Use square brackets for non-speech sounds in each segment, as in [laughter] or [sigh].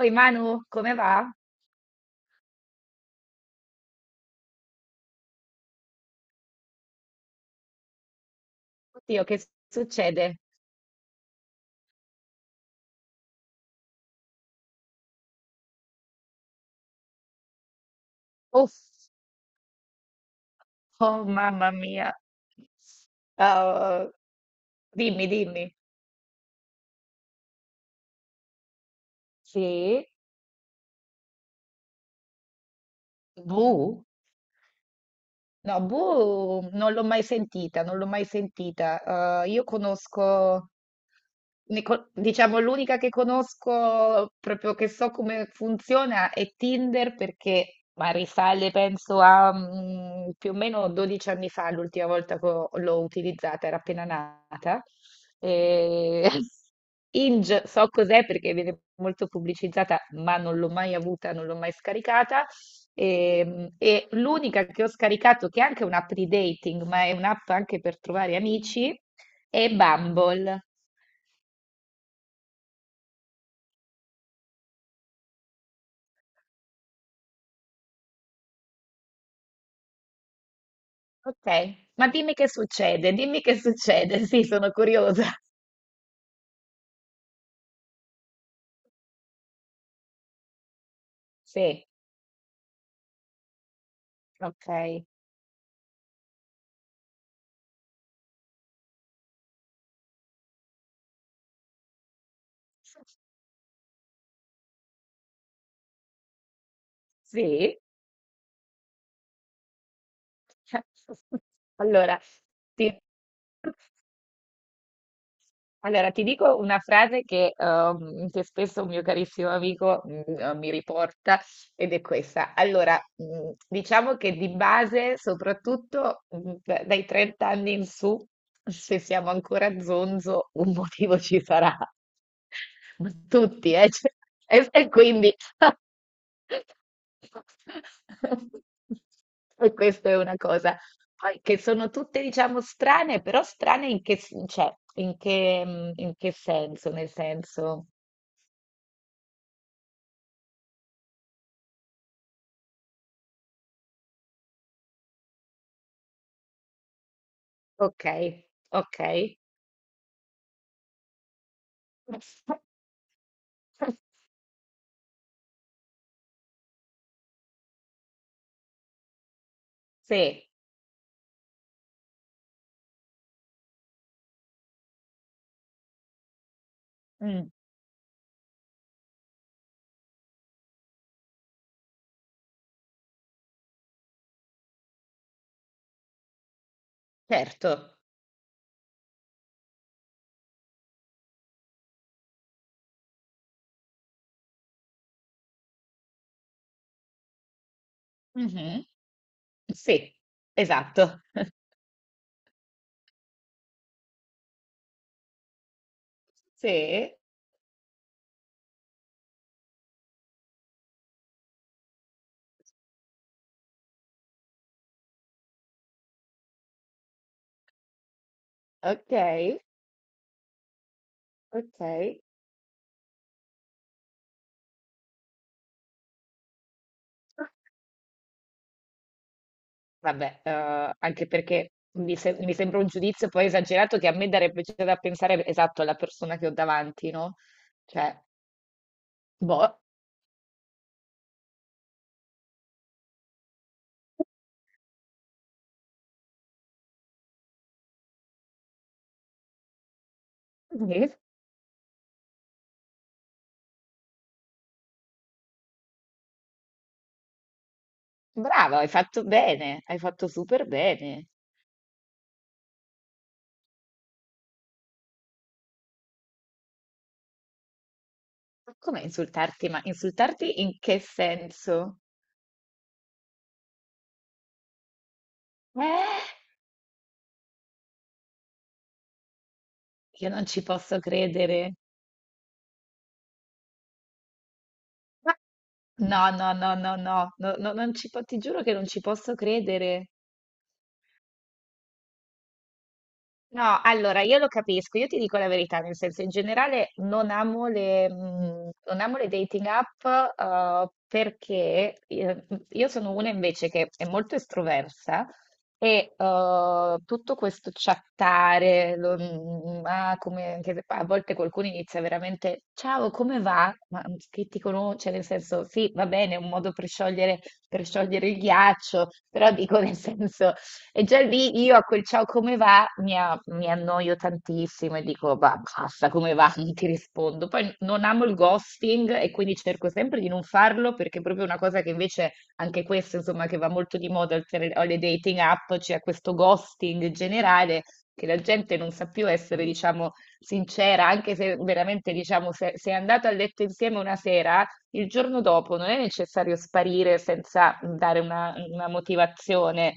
Oi Manu, come va? Oddio, che succede? Uff, oh mamma mia. Ah, dimmi, dimmi. Sì? Bu? No, Boo non l'ho mai sentita, non l'ho mai sentita. Io conosco, diciamo, l'unica che conosco proprio che so come funziona è Tinder perché, ma risale penso a più o meno 12 anni fa, l'ultima volta che l'ho utilizzata, era appena nata. E... [laughs] Inge so cos'è perché viene molto pubblicizzata, ma non l'ho mai avuta, non l'ho mai scaricata. E l'unica che ho scaricato, che è anche un'app di dating, ma è un'app anche per trovare amici, è Bumble. Ok, ma dimmi che succede, [laughs] sì, sono curiosa. Sì, ok. Sì. [laughs] Allora, ti- [laughs] Allora, ti dico una frase che spesso un mio carissimo amico, mi riporta ed è questa. Allora, diciamo che di base, soprattutto, mhmm, d dai 30 anni in su, se siamo ancora zonzo, un motivo ci sarà. [laughs] Ma tutti, cioè e quindi [laughs] e questa è una cosa. Poi che sono tutte, diciamo, strane, però strane in che, cioè, in che, in che senso? Nel senso, ok, ok, [laughs] sì, mm, certo, mhm, sì, esatto, sì, ok, ok, vabbè, anche perché mi, se- mi sembra un giudizio poi esagerato che a me darebbe già da pensare esatto alla persona che ho davanti, no? Cioè, boh. [laughs] Brava, hai fatto bene, hai fatto super bene. Ma come insultarti? Ma insultarti in che senso? Eh? Io non ci posso credere. Ma- No, no, no, no, no, no, no, non ci po- ti giuro che non ci posso credere. No, allora io lo capisco, io ti dico la verità, nel senso in generale non amo le dating app, perché io sono una invece che è molto estroversa e tutto questo chattare, ah, come, anche se a volte qualcuno inizia veramente, ciao, come va? Ma che ti conosce, cioè, nel senso sì, va bene, è un modo per sciogliere il ghiaccio, però dico nel senso... E già lì io a quel ciao come va mi annoio tantissimo e dico, va, basta, come va? [laughs] Non ti rispondo. Poi non amo il ghosting e quindi cerco sempre di non farlo perché è proprio una cosa che invece anche questo, insomma, che va molto di moda oltre alle dating app, c'è questo ghosting generale che la gente non sa più essere, diciamo, sincera, anche se veramente, diciamo, se è andato a letto insieme una sera, il giorno dopo non è necessario sparire senza dare una motivazione.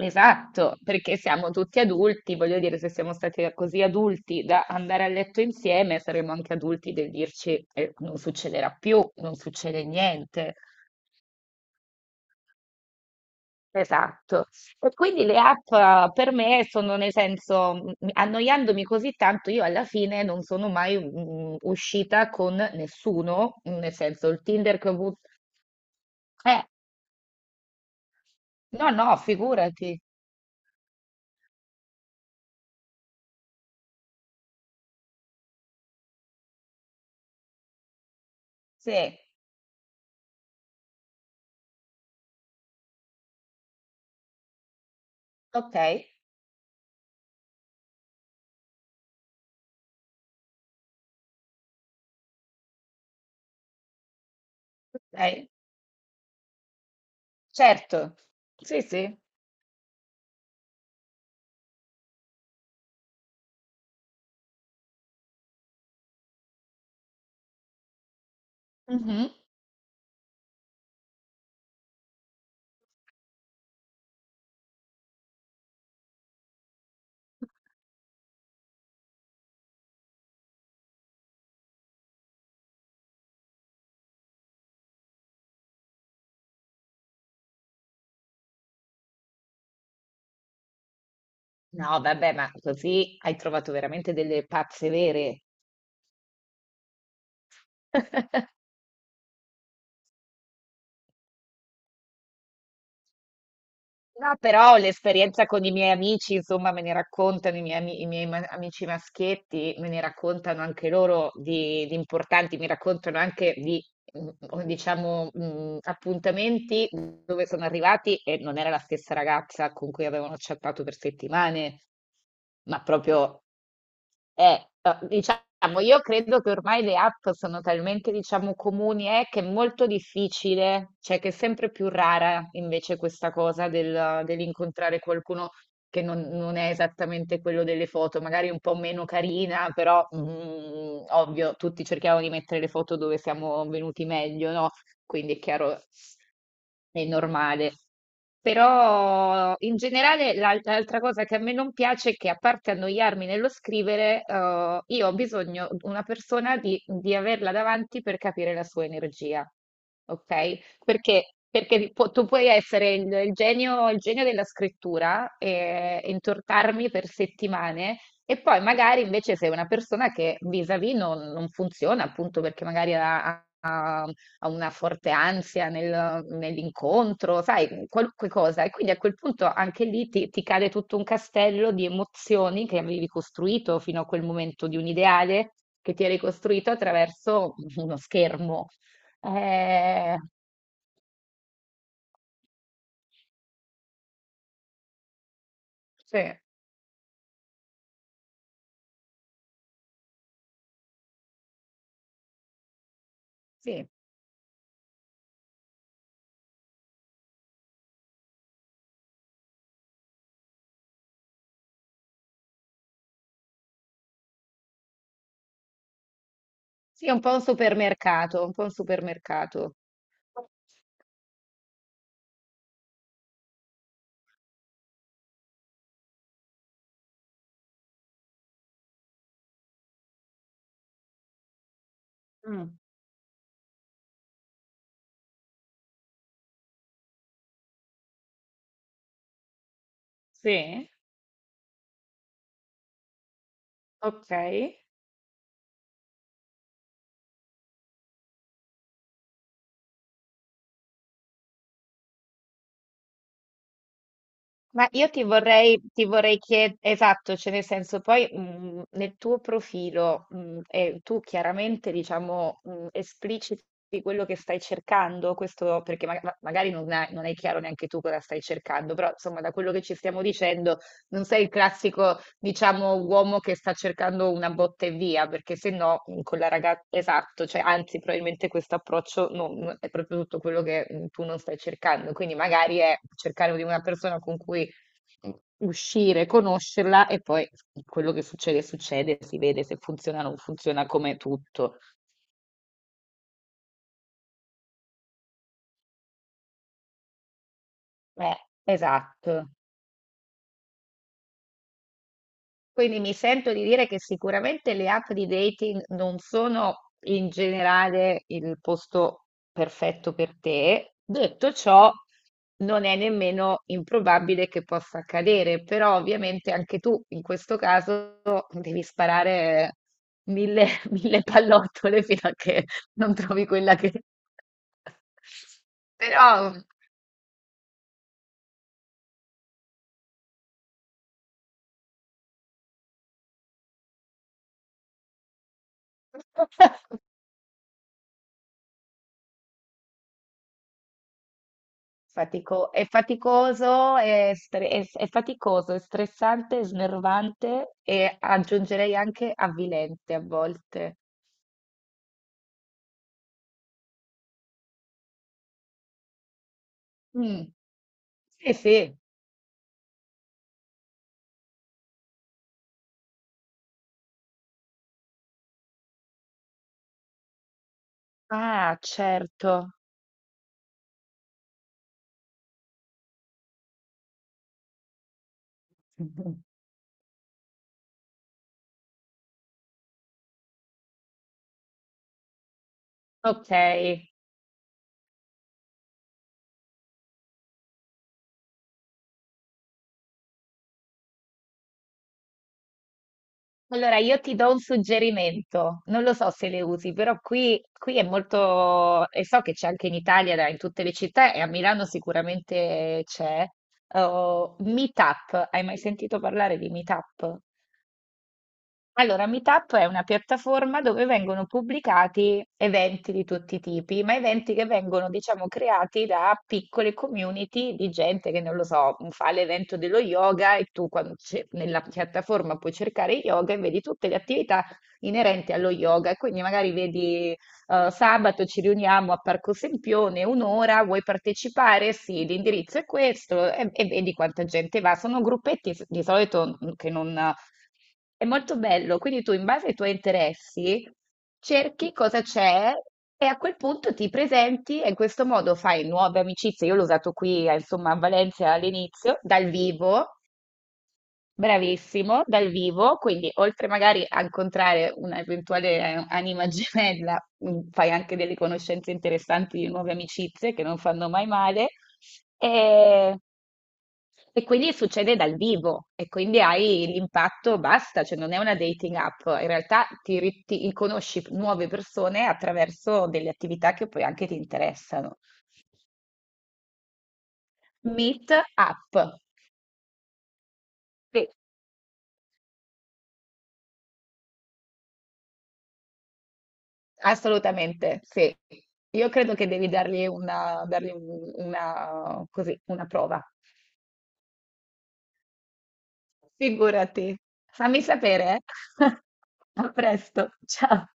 Esatto, perché siamo tutti adulti, voglio dire, se siamo stati così adulti da andare a letto insieme, saremo anche adulti del dirci, non succederà più, non succede niente. Esatto. E quindi le app, per me sono, nel senso, annoiandomi così tanto, io alla fine non sono mai uscita con nessuno, nel senso, il Tinder che ho avuto. Eh, no, no, figurati. Sì, ok, ok, certo. Sì, sì. Mhm. No, vabbè, ma così hai trovato veramente delle pazze vere. [laughs] No, però l'esperienza con i miei amici, insomma, me ne raccontano i miei amici maschietti, me ne raccontano anche loro di importanti, mi raccontano anche di o diciamo, appuntamenti dove sono arrivati e non era la stessa ragazza con cui avevano chattato per settimane, ma proprio diciamo io credo che ormai le app sono talmente, diciamo, comuni, che è molto difficile, cioè che è sempre più rara invece questa cosa del dell'incontrare qualcuno che non è esattamente quello delle foto, magari un po' meno carina, però, ovvio tutti cerchiamo di mettere le foto dove siamo venuti meglio, no, quindi è chiaro, è normale. Però in generale l'altra cosa che a me non piace è che, a parte annoiarmi nello scrivere, io ho bisogno di una persona di averla davanti per capire la sua energia, okay? Perché, perché tu puoi essere il genio, il genio della scrittura, e intortarmi per settimane e poi magari invece sei una persona che vis-à-vis non funziona, appunto perché magari ha una forte ansia nell'incontro, sai, qualunque cosa. E quindi a quel punto anche lì ti cade tutto un castello di emozioni che avevi costruito fino a quel momento, di un ideale che ti eri costruito attraverso uno schermo. Eh, Sì, sì, sì, è un po' un supermercato, un po' un supermercato. Mm, sì, ok. Ma io ti vorrei chiedere, esatto, cioè nel senso poi, nel tuo profilo, e tu chiaramente, diciamo, espliciti quello che stai cercando, questo perché magari non è chiaro neanche tu cosa stai cercando, però insomma da quello che ci stiamo dicendo non sei il classico, diciamo, uomo che sta cercando una botta e via, perché se no, con la ragazza, esatto, cioè anzi probabilmente questo approccio è proprio tutto quello che tu non stai cercando, quindi magari è cercare di una persona con cui uscire, conoscerla e poi quello che succede, succede, si vede se funziona o non funziona, come tutto. Eh, esatto. Quindi mi sento di dire che sicuramente le app di dating non sono, in generale, il posto perfetto per te. Detto ciò, non è nemmeno improbabile che possa accadere, però ovviamente anche tu in questo caso devi sparare mille, [laughs] mille pallottole fino a che non trovi quella che... [laughs] Però... [laughs] È faticoso, è faticoso, è stressante, è snervante, e aggiungerei anche avvilente a volte. Mm, sì, sì. Ah, certo. [laughs] Mhm. Ok. Allora io ti do un suggerimento. Non lo so se le usi, però qui è molto, e so che c'è anche in Italia, in tutte le città, e a Milano sicuramente c'è. Oh, Meetup. Hai mai sentito parlare di Meetup? Allora, Meetup è una piattaforma dove vengono pubblicati eventi di tutti i tipi, ma eventi che vengono, diciamo, creati da piccole community di gente che, non lo so, fa l'evento dello yoga, e tu nella piattaforma puoi cercare yoga e vedi tutte le attività inerenti allo yoga. E quindi magari vedi, sabato ci riuniamo a Parco Sempione, un'ora, vuoi partecipare? Sì, l'indirizzo è questo, e vedi quanta gente va. Sono gruppetti di solito, che non è molto bello, quindi tu in base ai tuoi interessi cerchi cosa c'è e a quel punto ti presenti e in questo modo fai nuove amicizie. Io l'ho usato qui, insomma, a Valencia all'inizio, dal vivo, bravissimo, dal vivo, quindi oltre magari a incontrare un'eventuale, anima gemella, fai anche delle conoscenze interessanti di nuove amicizie che non fanno mai male. E e quindi succede dal vivo e quindi hai l'impatto, basta, cioè non è una dating app, in realtà ti conosci nuove persone attraverso delle attività che poi anche ti interessano. Meet app, sì, assolutamente, sì. Io credo che devi dargli una, così, una prova. Figurati. Fammi sapere, eh. [laughs] A presto, ciao.